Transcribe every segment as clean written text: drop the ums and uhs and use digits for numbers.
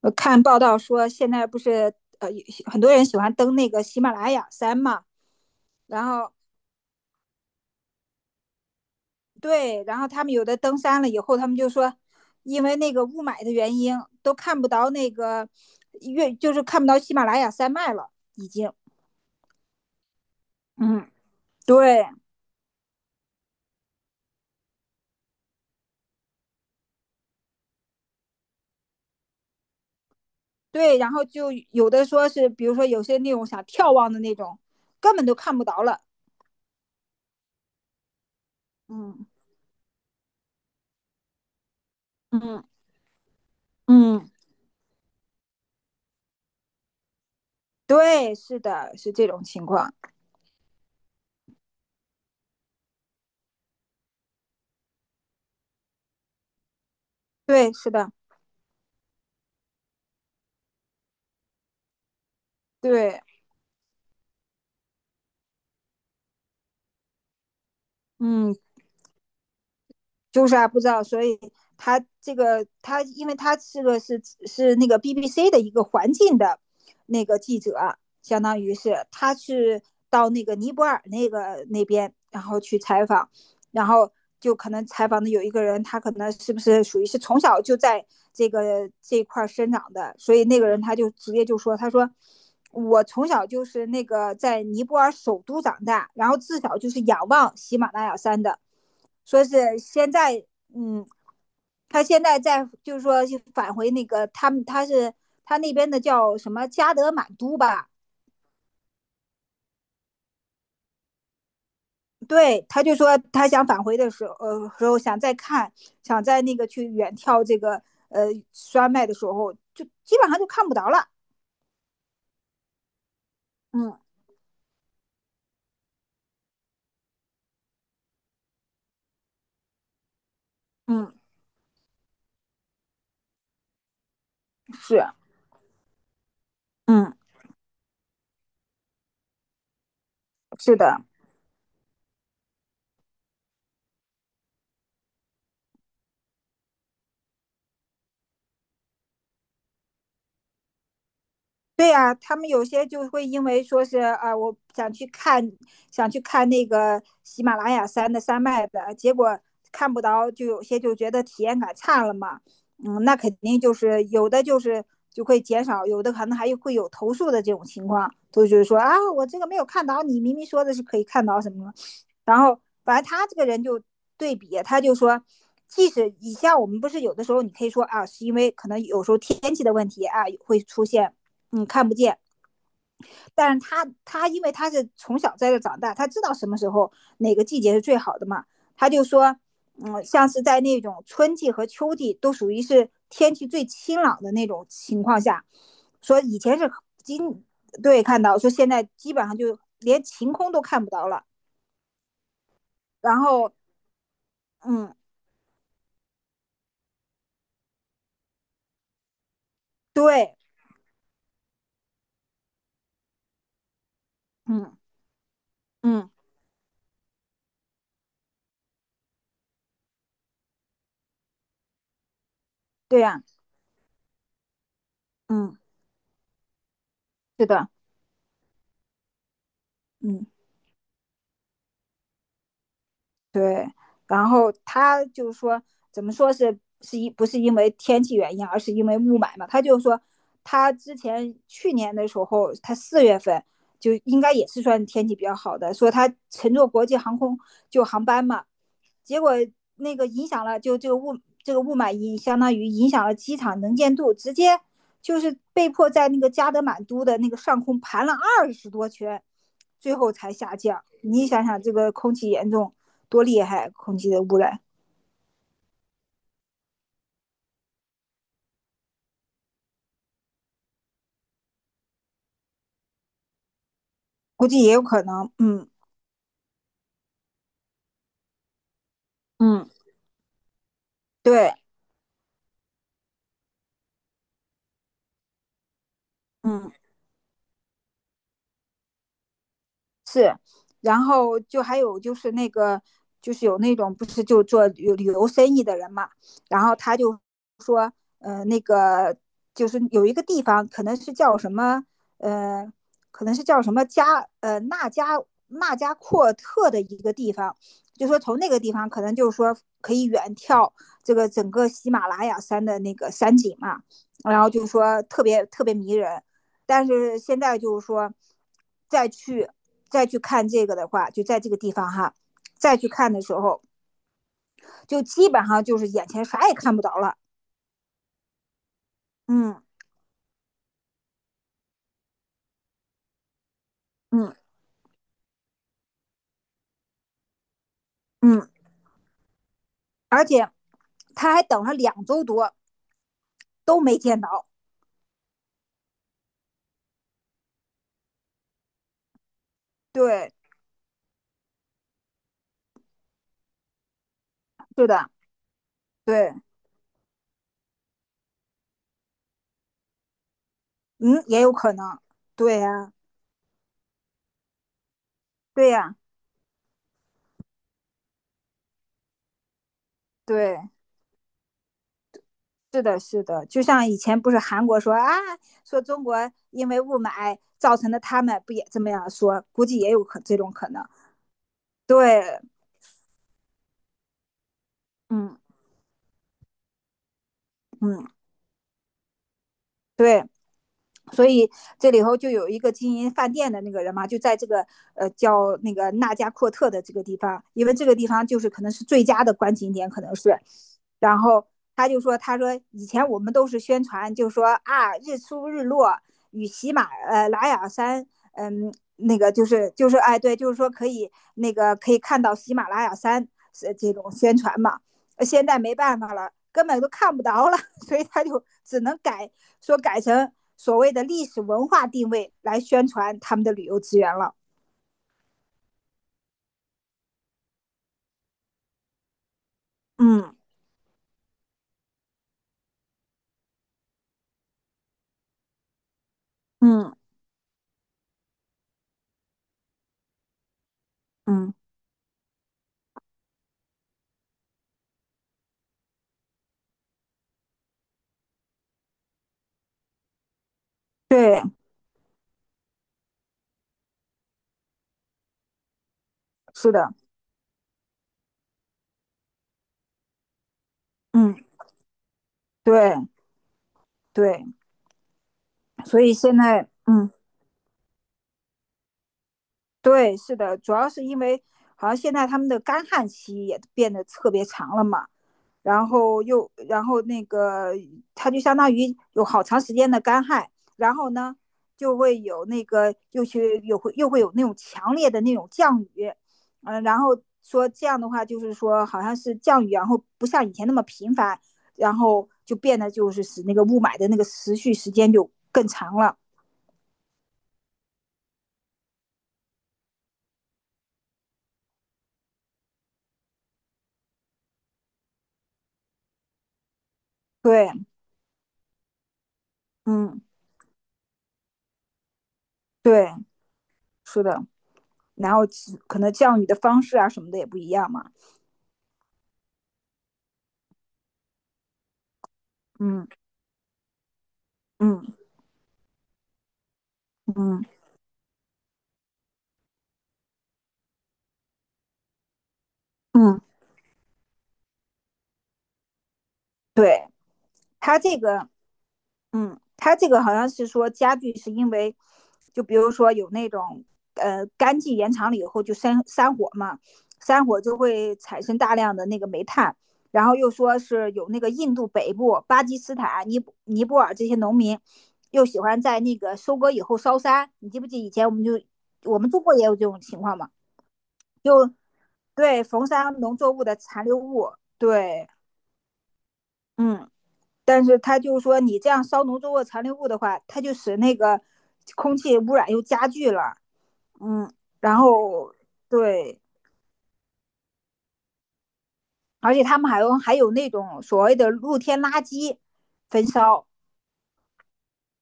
我看报道说，现在不是呃很多人喜欢登那个喜马拉雅山嘛，然后对，然后他们有的登山了以后，他们就说，因为那个雾霾的原因，都看不到那个月，就是看不到喜马拉雅山脉了，已经。嗯，对对，然后就有的说是，比如说有些那种想眺望的那种，根本都看不到了。嗯嗯嗯，对，是的，是这种情况。对，是的，对，嗯。就是啊，不知道，所以他这个他，因为他是个是是那个 BBC 的一个环境的那个记者啊，相当于是他是到那个尼泊尔那个那边，然后去采访，然后就可能采访的有一个人，他可能是不是属于是从小就在这块生长的，所以那个人他就直接就说，他说。我从小就是那个在尼泊尔首都长大，然后自小就是仰望喜马拉雅山的，说是现在，嗯，他现在在就是说返回那个他们他是他那边的叫什么加德满都吧？对，他就说他想返回的时候，时候想再看，想在那个去远眺这个山脉的时候，就基本上就看不着了。嗯嗯，是，嗯是的，对呀、他们有些就会因为说是啊，我想去看，想去看那个喜马拉雅山的山脉的，结果看不到，就有些就觉得体验感差了嘛。嗯，那肯定就是有的就是就会减少，有的可能还会有投诉的这种情况，都就是说啊，我这个没有看到，你明明说的是可以看到什么什么，然后反正他这个人就对比，他就说，即使以下我们不是有的时候你可以说啊，是因为可能有时候天气的问题啊会出现。嗯，看不见。但是他因为他是从小在这长大，他知道什么时候哪个季节是最好的嘛。他就说，嗯，像是在那种春季和秋季都属于是天气最清朗的那种情况下，说以前是今对看到说现在基本上就连晴空都看不到了。然后，嗯，对，嗯嗯，对呀、嗯，是的，嗯。对，然后他就说，怎么说是不是因为天气原因，而是因为雾霾嘛？他就说，他之前去年的时候，他四月份就应该也是算天气比较好的，说他乘坐国际航空就航班嘛，结果那个影响了，就这个雾霾相当于影响了机场能见度，直接就是被迫在那个加德满都的那个上空盘了20多圈，最后才下降。你想想，这个空气严重多厉害啊，空气的污染，估计也有可能。嗯嗯，对，嗯。是，然后就还有就是那个，就是有那种不是就做旅游生意的人嘛，然后他就说，那个就是有一个地方可能是叫什么，呃，可能是叫什么纳加阔特的一个地方，就说从那个地方可能就是说可以远眺这个整个喜马拉雅山的那个山景嘛，然后就说特别特别迷人，但是现在就是说，再去再去看这个的话，就在这个地方哈，再去看的时候，就基本上就是眼前啥也看不着了。嗯嗯嗯，而且他还等了2周多都没见到。对，是的，对，嗯，也有可能。对呀、对呀、对，是的，是的，就像以前不是韩国说啊，说中国因为雾霾造成的，他们不也这么样说？估计也有可这种可能。对，嗯。嗯，对，所以这里头就有一个经营饭店的那个人嘛，就在这个叫那个纳加阔特的这个地方，因为这个地方就是可能是最佳的观景点，可能是。然后他就说，他说以前我们都是宣传，就说啊日出日落与拉雅山，嗯，那个就是哎对，就是说可以看到喜马拉雅山这种宣传嘛。呃现在没办法了，根本都看不着了，所以他就只能改成。所谓的历史文化定位来宣传他们的旅游资源了。嗯嗯嗯，对，是的，嗯，对对，所以现在嗯。对，是的，主要是因为好像现在他们的干旱期也变得特别长了嘛，然后又然后那个它就相当于有好长时间的干旱，然后呢就会有那个又会有那种强烈的那种降雨，嗯，然后说这样的话就是说好像是降雨，然后不像以前那么频繁，然后就变得就是使那个雾霾的那个持续时间就更长了。对，嗯，对，是的。然后可能教育的方式啊什么的也不一样嘛。嗯嗯嗯嗯，对他这个，嗯，他这个好像是说家具是因为，就比如说有那种干季延长了以后就山火嘛，山火就会产生大量的那个煤炭，然后又说是有那个印度北部、巴基斯坦、尼泊尔这些农民，又喜欢在那个收割以后烧山，你记不记以前我们中国也有这种情况嘛？对焚烧农作物的残留物，对，嗯，但是他就是说你这样烧农作物残留物的话，它就使那个空气污染又加剧了，嗯，然后对，而且他们还有那种所谓的露天垃圾焚烧，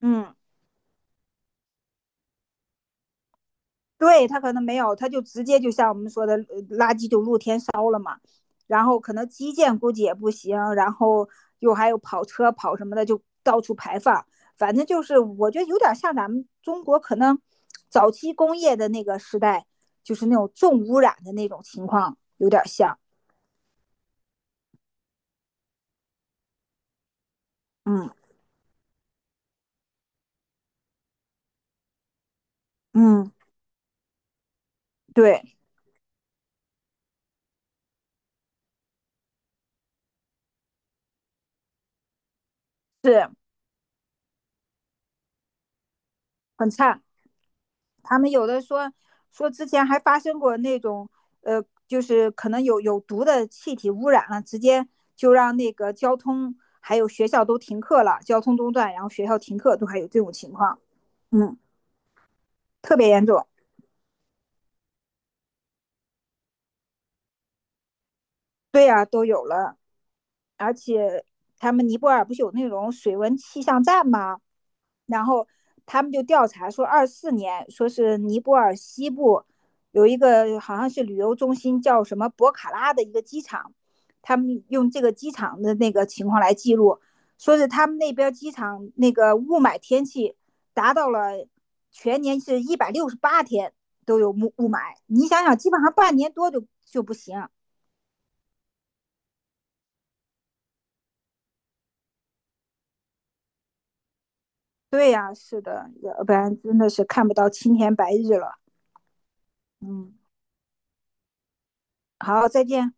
嗯，对他可能没有，他就直接就像我们说的，呃垃圾就露天烧了嘛。然后可能基建估计也不行，然后又还有跑车跑什么的，就到处排放。反正就是我觉得有点像咱们中国可能早期工业的那个时代，就是那种重污染的那种情况有点像。嗯嗯，对，是很差。他们有的说说之前还发生过那种，就是可能有有毒的气体污染了，直接就让那个交通还有学校都停课了，交通中断，然后学校停课都还有这种情况，嗯，特别严重。对呀、都有了，而且他们尼泊尔不是有那种水文气象站吗？然后他们就调查说，24年说是尼泊尔西部有一个好像是旅游中心叫什么博卡拉的一个机场，他们用这个机场的那个情况来记录，说是他们那边机场那个雾霾天气达到了全年是168天都有雾霾，你想想，基本上半年多就就不行。对呀、啊是的，要不然真的是看不到青天白日了。嗯，好，再见。